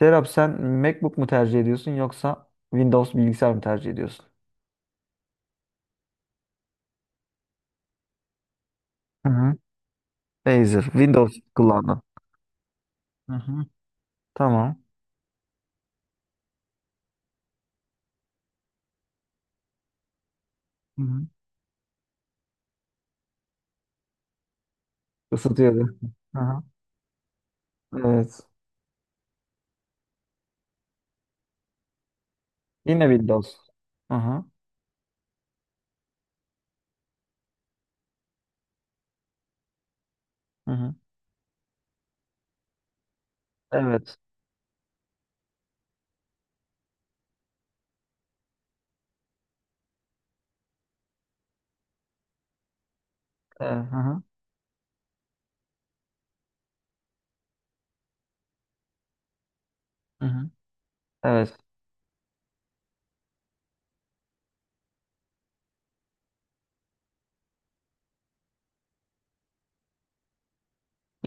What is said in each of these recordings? Serap, sen MacBook mu tercih ediyorsun yoksa Windows bilgisayar mı tercih ediyorsun? Hı hı. Razer, Windows kullandın. Hı hı. Tamam. Hı hı. Isıtıyordu. Hı hı. Evet. Yine Windows. Hı hı. Hı hı. Evet. Evet. Hı hı. Hı hı. Evet.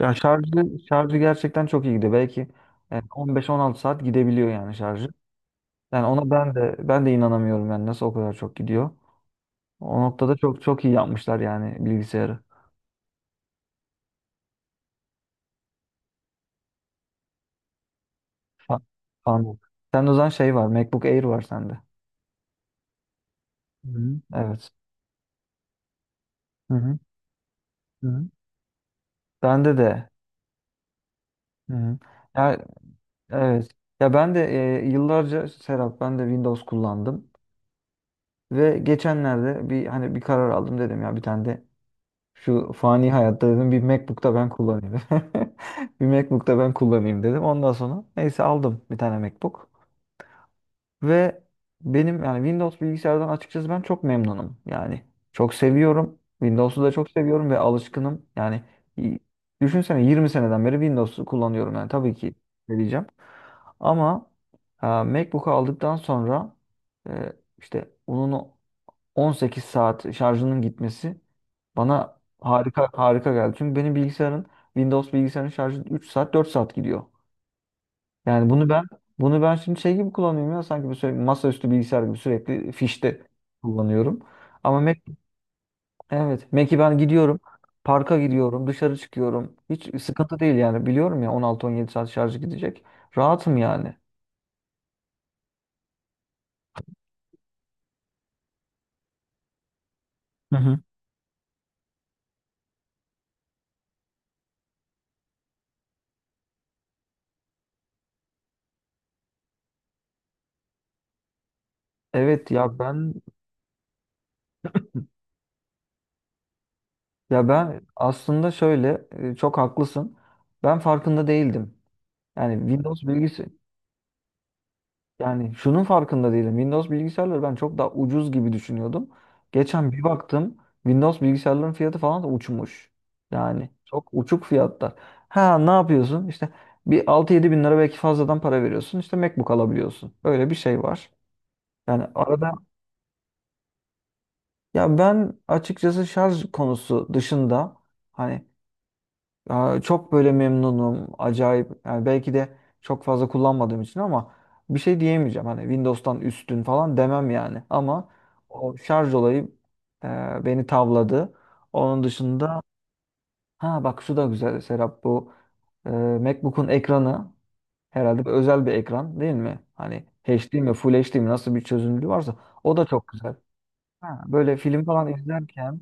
Ya, şarjı gerçekten çok iyi gidiyor. Belki 15-16 saat gidebiliyor yani şarjı. Yani ona ben de inanamıyorum yani nasıl o kadar çok gidiyor. O noktada çok çok iyi yapmışlar yani bilgisayarı. Ha- Anladım. Sen o zaman şey var. MacBook Air var sende. Hı. Evet. Hı-hı. Hı-hı. Bende de. Hı. Hı. Ya, evet. Ya ben de, yıllarca Serap, ben de Windows kullandım ve geçenlerde bir, hani, bir karar aldım. Dedim ya, bir tane de şu fani hayatta dedim bir MacBook'ta ben kullanayım. Bir MacBook'ta ben kullanayım dedim. Ondan sonra, neyse, aldım bir tane MacBook. Ve benim yani Windows bilgisayardan açıkçası ben çok memnunum. Yani çok seviyorum. Windows'u da çok seviyorum ve alışkınım. Yani y- düşünsene, 20 seneden beri Windows'u kullanıyorum. Yani tabii ki vereceğim. Ama MacBook'u aldıktan sonra, e, işte onun 18 saat şarjının gitmesi bana harika harika geldi. Çünkü benim bilgisayarın, Windows bilgisayarın şarjı 3 saat 4 saat gidiyor. Yani bunu ben şimdi şey gibi kullanıyorum ya, sanki bu sürekli masaüstü bilgisayar gibi sürekli fişte kullanıyorum. Ama, evet, Mac'i ben gidiyorum. Parka gidiyorum, dışarı çıkıyorum. Hiç sıkıntı değil yani. Biliyorum ya, 16-17 saat şarjı gidecek. Rahatım yani. Hı hı. Evet. Ya ben aslında şöyle, çok haklısın. Ben farkında değildim. Yani Windows bilgisi Yani şunun farkında değilim. Windows bilgisayarları ben çok daha ucuz gibi düşünüyordum. Geçen bir baktım, Windows bilgisayarların fiyatı falan da uçmuş. Yani çok uçuk fiyatlar. Ha, ne yapıyorsun? İşte bir 6-7 bin lira belki fazladan para veriyorsun, İşte MacBook alabiliyorsun. Böyle bir şey var. Yani arada Ya ben açıkçası şarj konusu dışında, hani, çok böyle memnunum. Acayip. Yani belki de çok fazla kullanmadığım için ama bir şey diyemeyeceğim. Hani Windows'tan üstün falan demem yani. Ama o şarj olayı e, beni tavladı. Onun dışında, ha bak, şu da güzel Serap, bu MacBook'un ekranı herhalde bir özel bir ekran, değil mi? Hani HD mi, Full HD mi, nasıl bir çözünürlüğü varsa o da çok güzel. Ha, böyle film falan izlerken,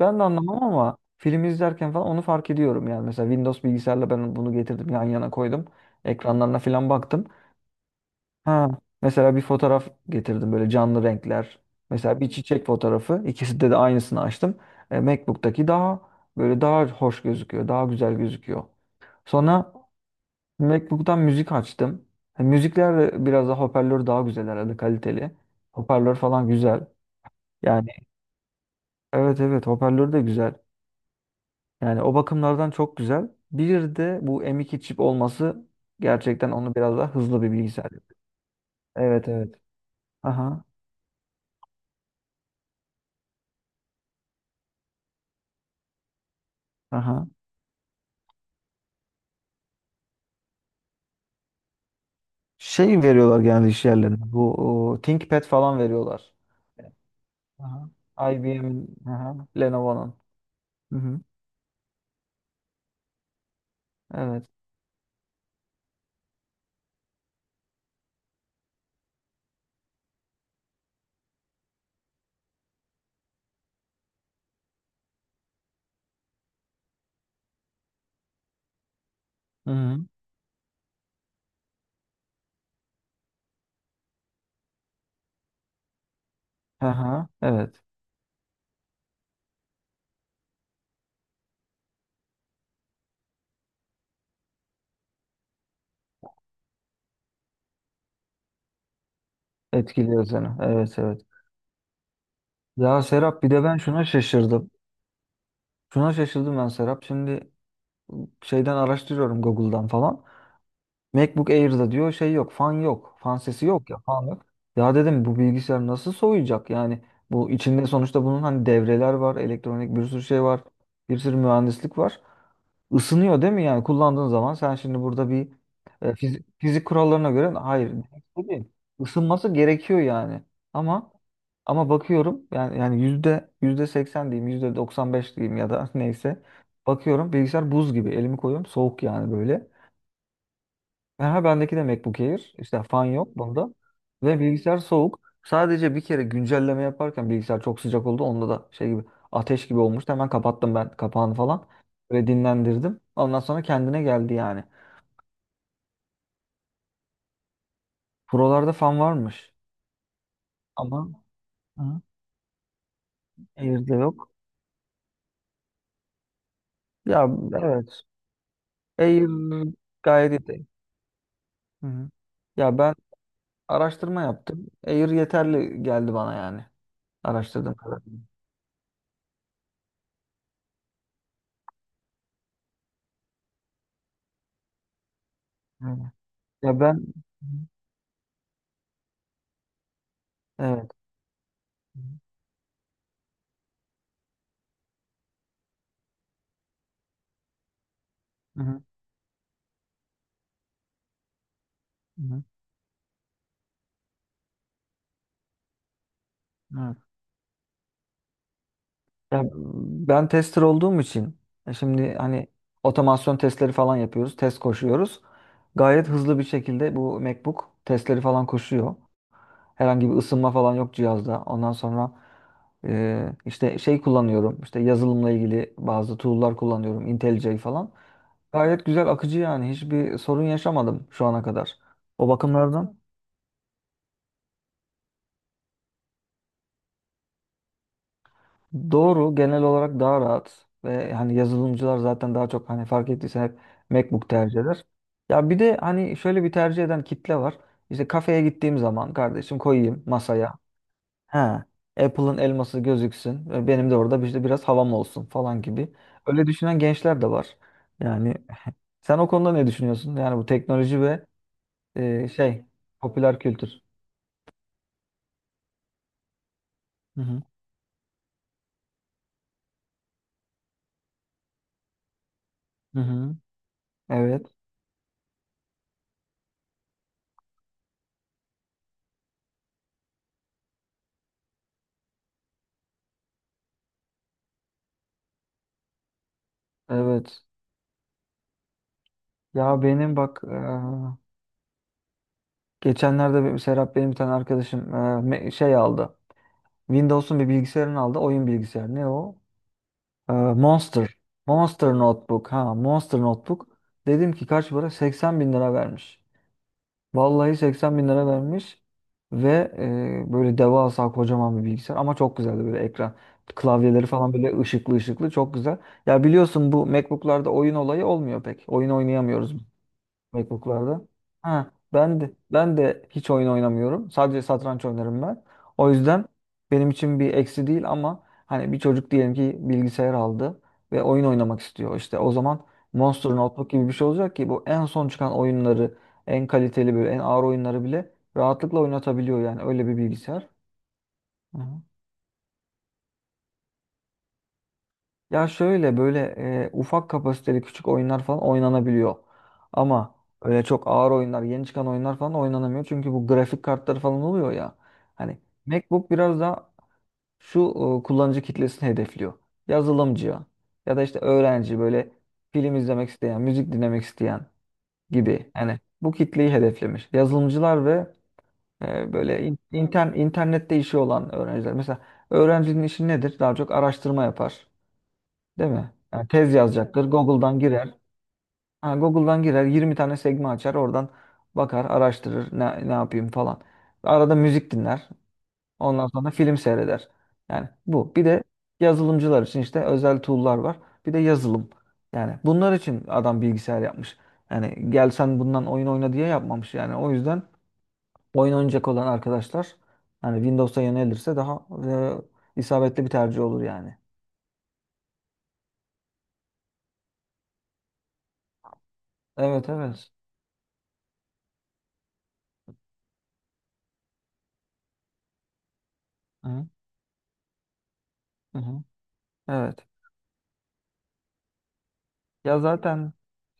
ben de anlamam ama film izlerken falan onu fark ediyorum yani. Mesela Windows bilgisayarla ben bunu getirdim, yan yana koydum. Ekranlarına falan baktım. Ha, mesela bir fotoğraf getirdim, böyle canlı renkler. Mesela bir çiçek fotoğrafı, ikisinde de aynısını açtım. MacBook'taki daha böyle daha hoş gözüküyor, daha güzel gözüküyor. Sonra MacBook'tan müzik açtım. Müzikler de biraz daha hoparlör daha güzel herhalde, kaliteli. Hoparlör falan güzel. Yani evet evet, hoparlör de güzel. Yani o bakımlardan çok güzel. Bir de bu M2 çip olması gerçekten onu biraz daha hızlı bir bilgisayar yapıyor. Evet evet. Aha. Aha. Şey veriyorlar genelde iş yerlerine. Bu, ThinkPad falan veriyorlar. Aha. IBM'in, aha, Lenovo'nun. Hı hı. Evet. Hı hı. Aha, evet. Etkiliyor seni. Evet, evet. Ya Serap, bir de ben şuna şaşırdım. Şuna şaşırdım ben Serap. Şimdi şeyden araştırıyorum, Google'dan falan. MacBook Air'da diyor şey yok, fan yok. Fan sesi yok ya, fan yok. Ya dedim, bu bilgisayar nasıl soğuyacak? Yani bu içinde sonuçta bunun, hani, devreler var, elektronik bir sürü şey var, bir sürü mühendislik var. Isınıyor, değil mi? Yani kullandığın zaman sen, şimdi burada bir, fizik kurallarına göre hayır, değil. Isınması gerekiyor yani. Ama ama bakıyorum yani yüzde 80 diyeyim, %95 diyeyim ya da, neyse. Bakıyorum bilgisayar buz gibi. Elimi koyuyorum, soğuk yani böyle. Aha, bendeki de MacBook Air. İşte fan yok bunda. Ve bilgisayar soğuk. Sadece bir kere güncelleme yaparken bilgisayar çok sıcak oldu. Onda da şey gibi ateş gibi olmuştu. Hemen kapattım ben kapağını falan. Ve dinlendirdim. Ondan sonra kendine geldi yani. Pro'larda fan varmış. Ama, hı, Air'de yok. Ya evet. Air gayet iyi. Hı hı. Ya ben araştırma yaptım. Air yeterli geldi bana yani. Araştırdığım kadarıyla. Aynen. Ya ben Hı. evet. Hı hı. Hı, Evet. Ya ben tester olduğum için, şimdi, hani, otomasyon testleri falan yapıyoruz, test koşuyoruz. Gayet hızlı bir şekilde bu MacBook testleri falan koşuyor. Herhangi bir ısınma falan yok cihazda. Ondan sonra, işte şey kullanıyorum, işte yazılımla ilgili bazı tool'lar kullanıyorum. IntelliJ falan. Gayet güzel akıcı yani. Hiçbir sorun yaşamadım şu ana kadar. O bakımlardan Doğru, genel olarak daha rahat ve hani yazılımcılar zaten daha çok, hani, fark ettiysen, hep MacBook tercih eder. Ya bir de hani şöyle bir tercih eden kitle var. İşte kafeye gittiğim zaman, kardeşim, koyayım masaya. Ha, Apple'ın elması gözüksün ve benim de orada işte biraz havam olsun falan gibi. Öyle düşünen gençler de var. Yani sen o konuda ne düşünüyorsun? Yani bu teknoloji ve, şey, popüler kültür. Hı hı. Hı hı. Evet, evet. Ya benim bak Geçenlerde bir Serap, benim bir tane arkadaşım şey aldı. Windows'un bir bilgisayarını aldı. Oyun bilgisayarı. Ne o? Monster. Monster Notebook. Ha, Monster Notebook. Dedim ki, kaç para? 80 bin lira vermiş. Vallahi 80 bin lira vermiş. Ve böyle devasa, kocaman bir bilgisayar. Ama çok güzeldi böyle ekran. Klavyeleri falan böyle ışıklı ışıklı. Çok güzel. Ya biliyorsun, bu MacBook'larda oyun olayı olmuyor pek. Oyun oynayamıyoruz MacBook'larda. Ha, ben de hiç oyun oynamıyorum. Sadece satranç oynarım ben. O yüzden benim için bir eksi değil ama, hani, bir çocuk diyelim ki bilgisayar aldı ve oyun oynamak istiyor. İşte o zaman Monster Notebook gibi bir şey olacak ki bu, en son çıkan oyunları, en kaliteli, böyle en ağır oyunları bile rahatlıkla oynatabiliyor yani öyle bir bilgisayar. Hı. Ya, şöyle böyle, ufak kapasiteli küçük oyunlar falan oynanabiliyor. Ama öyle çok ağır oyunlar, yeni çıkan oyunlar falan oynanamıyor. Çünkü bu grafik kartları falan oluyor ya. Hani MacBook biraz daha şu kullanıcı kitlesini hedefliyor. Yazılımcıya ya da işte öğrenci, böyle film izlemek isteyen, müzik dinlemek isteyen gibi. Yani bu kitleyi hedeflemiş. Yazılımcılar ve böyle internette işi olan öğrenciler. Mesela öğrencinin işi nedir? Daha çok araştırma yapar. Değil mi? Yani tez yazacaktır. Google'dan girer. Ha, Google'dan girer, 20 tane sekme açar. Oradan bakar, araştırır. Ne, ne yapayım falan. Arada müzik dinler. Ondan sonra film seyreder. Yani bu. Bir de yazılımcılar için işte özel tool'lar var. Bir de yazılım. Yani bunlar için adam bilgisayar yapmış. Yani, gel sen bundan oyun oyna diye yapmamış. Yani o yüzden oyun oynayacak olan arkadaşlar, hani, Windows'a yönelirse daha isabetli bir tercih olur yani. Evet evet. Hı hı. Evet. Ya zaten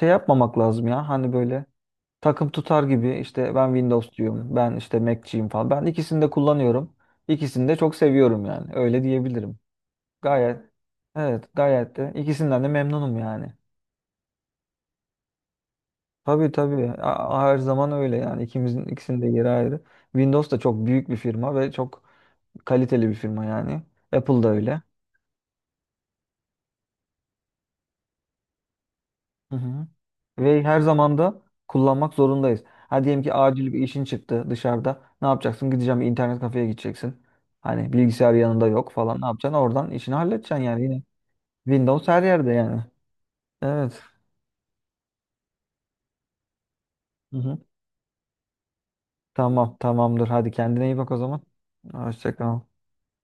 şey yapmamak lazım ya, hani, böyle takım tutar gibi, işte ben Windows diyorum, ben işte Mac'ciyim falan. Ben ikisini de kullanıyorum. İkisini de çok seviyorum yani, öyle diyebilirim. Gayet evet, gayet de ikisinden de memnunum yani. Tabii tabii, her zaman öyle yani ikisinin de yeri ayrı. Windows da çok büyük bir firma ve çok kaliteli bir firma yani. Apple da öyle. Hı hı. Ve her zaman da kullanmak zorundayız. Ha, diyelim ki acil bir işin çıktı dışarıda. Ne yapacaksın? Bir internet kafeye gideceksin. Hani bilgisayar yanında yok falan. Ne yapacaksın? Oradan işini halledeceksin yani yine. Windows her yerde yani. Evet. Hı hı. Tamam, tamamdır. Hadi kendine iyi bak o zaman. Hoşça kal.